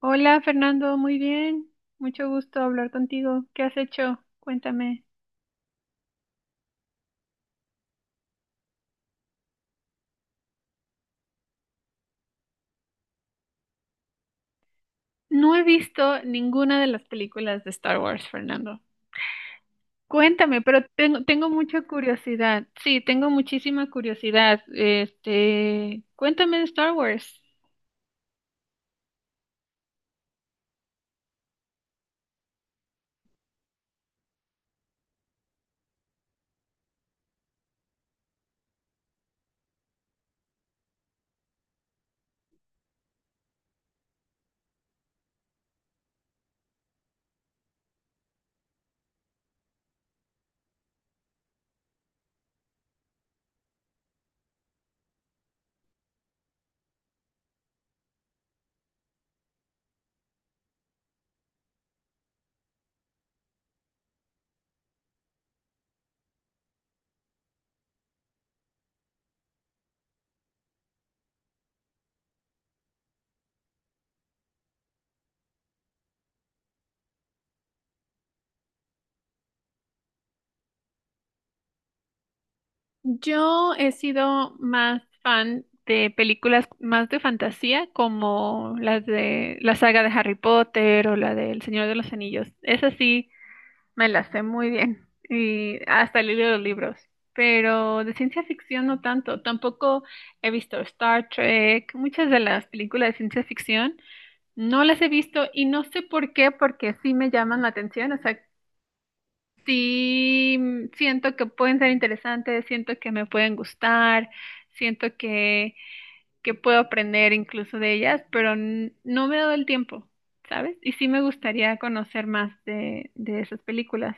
Hola Fernando, muy bien. Mucho gusto hablar contigo. ¿Qué has hecho? Cuéntame. No he visto ninguna de las películas de Star Wars, Fernando. Cuéntame, pero tengo mucha curiosidad. Sí, tengo muchísima curiosidad. Este, cuéntame de Star Wars. Yo he sido más fan de películas más de fantasía, como las de la saga de Harry Potter o la del Señor de los Anillos. Es así. Me las sé muy bien y hasta he los libros, pero de ciencia ficción no tanto. Tampoco he visto Star Trek. Muchas de las películas de ciencia ficción no las he visto y no sé por qué, porque sí me llaman la atención. O sea, sí, siento que pueden ser interesantes, siento que me pueden gustar, siento que puedo aprender incluso de ellas, pero no me he dado el tiempo, ¿sabes? Y sí me gustaría conocer más de esas películas.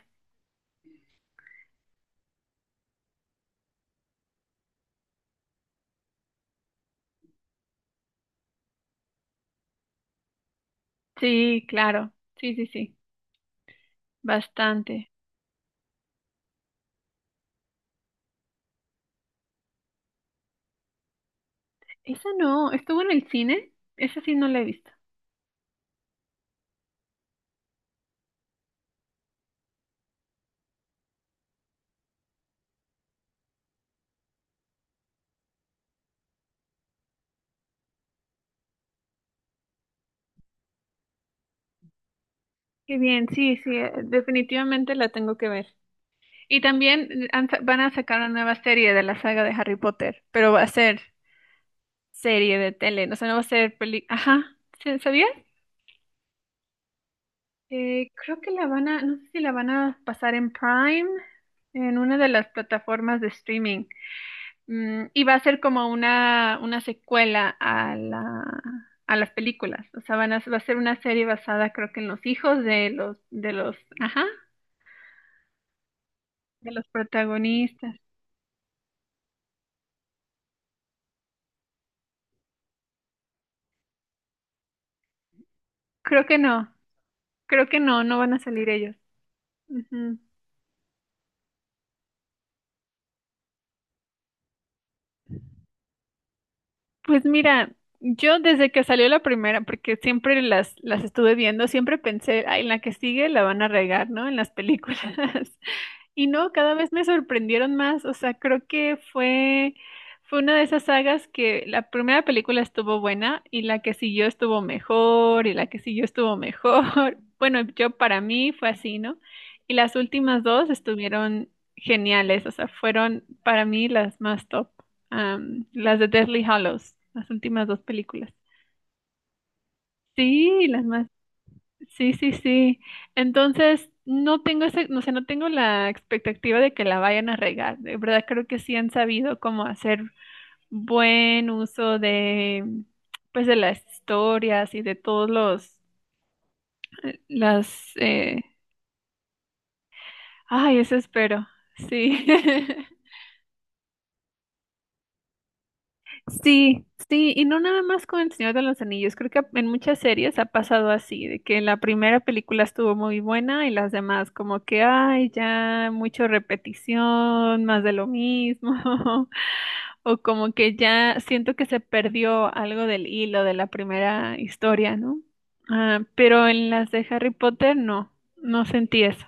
Sí, claro. Sí, sí, sí. Bastante. Esa no, estuvo en el cine. Esa sí no la he visto. Qué bien, sí, sí, definitivamente la tengo que ver. Y también van a sacar una nueva serie de la saga de Harry Potter, pero va a ser serie de tele, no, o sea, no va a ser peli. Ajá, ¿sabías? Creo que la van a, no sé si la van a pasar en Prime, en una de las plataformas de streaming. Y va a ser como una secuela a las películas. O sea, va a ser una serie basada, creo que en los hijos de los, ajá, de los protagonistas. Creo que no, creo que no, no van a salir ellos. Ujú. Pues mira, yo desde que salió la primera, porque siempre las estuve viendo, siempre pensé, ay, en la que sigue la van a regar, ¿no? En las películas. Y no, cada vez me sorprendieron más. O sea, creo que fue una de esas sagas que la primera película estuvo buena y la que siguió estuvo mejor y la que siguió estuvo mejor. Bueno, yo para mí fue así, ¿no? Y las últimas dos estuvieron geniales. O sea, fueron para mí las más top. Las de Deathly Hallows, las últimas dos películas. Sí, las más. Sí, sí, sí. Entonces, no tengo ese, no sé, no tengo la expectativa de que la vayan a regar. De verdad, creo que sí han sabido cómo hacer buen uso pues de las historias y de todos los, las, ay, eso espero. Sí. Sí, sí, y no nada más con El Señor de los Anillos, creo que en muchas series ha pasado así, de que la primera película estuvo muy buena y las demás como que, ay, ya mucho repetición, más de lo mismo, o como que ya siento que se perdió algo del hilo de la primera historia, ¿no? Ah, pero en las de Harry Potter no, no sentí eso.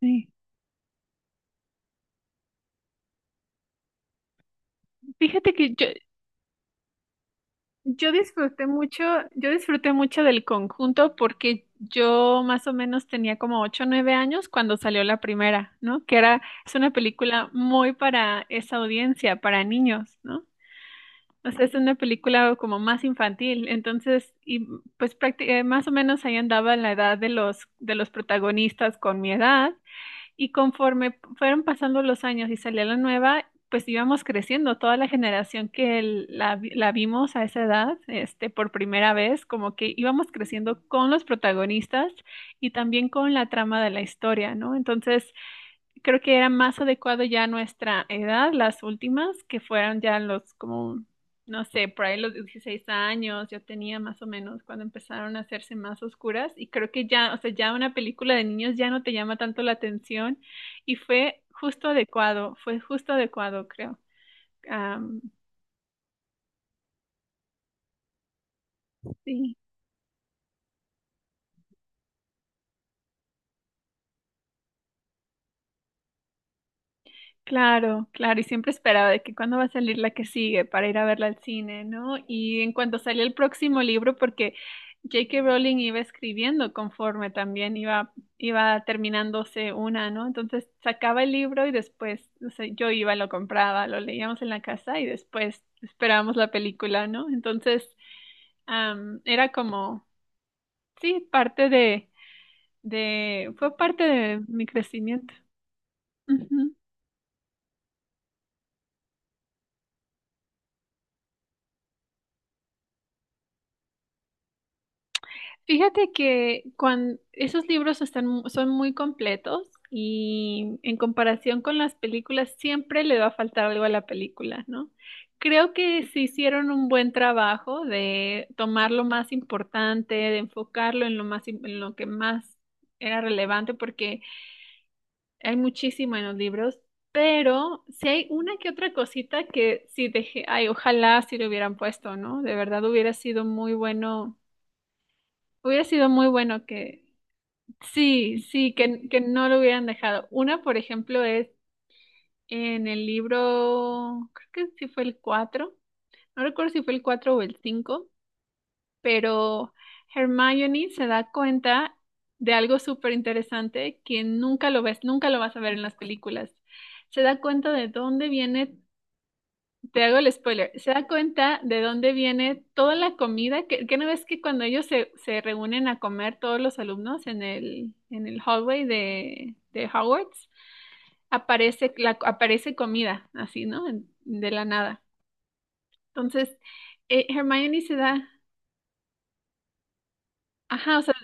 Sí. Fíjate que Yo disfruté mucho, yo disfruté mucho del conjunto porque yo más o menos tenía como 8 o 9 años cuando salió la primera, ¿no? Es una película muy para esa audiencia, para niños, ¿no? O sea, es una película como más infantil, entonces, y pues más o menos ahí andaba en la edad de los protagonistas con mi edad. Y conforme fueron pasando los años y salía la nueva, pues íbamos creciendo. Toda la generación que la vimos a esa edad, este, por primera vez, como que íbamos creciendo con los protagonistas y también con la trama de la historia, ¿no? Entonces, creo que era más adecuado ya a nuestra edad, las últimas, que fueron ya los como, no sé, por ahí los 16 años, yo tenía más o menos cuando empezaron a hacerse más oscuras y creo que ya, o sea, ya una película de niños ya no te llama tanto la atención y fue justo adecuado, creo. Am, sí. Claro, claro, y siempre esperaba de que cuándo va a salir la que sigue para ir a verla al cine, ¿no? Y en cuanto salió el próximo libro, porque J.K. Rowling iba escribiendo conforme también iba terminándose una, ¿no? Entonces sacaba el libro y después, o sea, yo iba, lo compraba, lo leíamos en la casa y después esperábamos la película, ¿no? Entonces, era como, sí, fue parte de mi crecimiento. Ujú. Fíjate que cuando esos libros son muy completos y en comparación con las películas siempre le va a faltar algo a la película, ¿no? Creo que se hicieron un buen trabajo de tomar lo más importante, de enfocarlo en lo que más era relevante, porque hay muchísimo en los libros, pero si hay una que otra cosita que sí dejé, ay, ojalá si lo hubieran puesto, ¿no? De verdad hubiera sido muy bueno. Hubiera sido muy bueno que, sí, sí, que no lo hubieran dejado. Una, por ejemplo, es en el libro, creo que sí fue el 4. No recuerdo si fue el 4 o el cinco, pero Hermione se da cuenta de algo súper interesante que nunca lo ves, nunca lo vas a ver en las películas. Se da cuenta de dónde viene. Te hago el spoiler. Se da cuenta de dónde viene toda la comida. Que no ves que cuando ellos se reúnen a comer todos los alumnos en el hallway de Hogwarts, aparece comida, así, ¿no? De la nada. Entonces, Hermione se da. Ajá, o sea,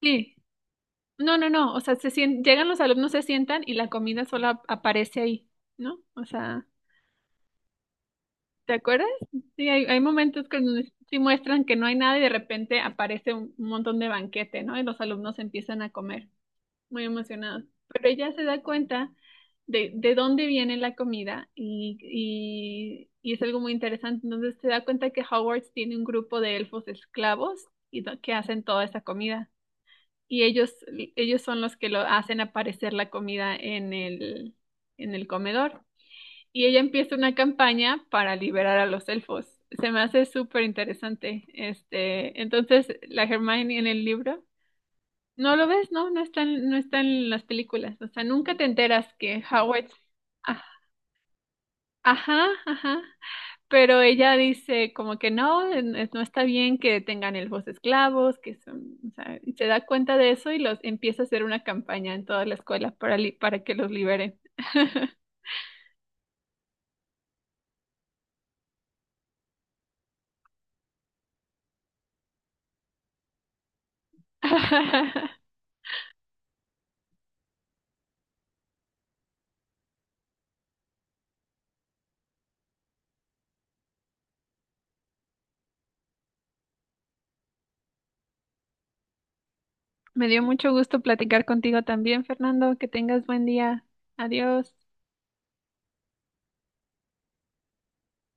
sí. No, no, no. O sea, llegan los alumnos, se sientan y la comida solo aparece ahí, ¿no? O sea. ¿Te acuerdas? Sí, hay momentos que sí muestran que no hay nada y de repente aparece un montón de banquete, ¿no? Y los alumnos empiezan a comer, muy emocionados. Pero ella se da cuenta de dónde viene la comida y es algo muy interesante. Entonces se da cuenta que Hogwarts tiene un grupo de elfos esclavos que hacen toda esa comida. Y ellos son los que lo hacen aparecer la comida en el comedor y ella empieza una campaña para liberar a los elfos. Se me hace súper interesante. Este, entonces, la Hermione en el libro, no lo ves, no, no está en las películas. O sea, nunca te enteras que Howard, ah, ajá, ajá. Pero ella dice como que no, no está bien que tengan elfos esclavos, que son, o sea, y se da cuenta de eso y los empieza a hacer una campaña en toda la escuela para que los liberen. Me dio mucho gusto platicar contigo también, Fernando. Que tengas buen día. Adiós.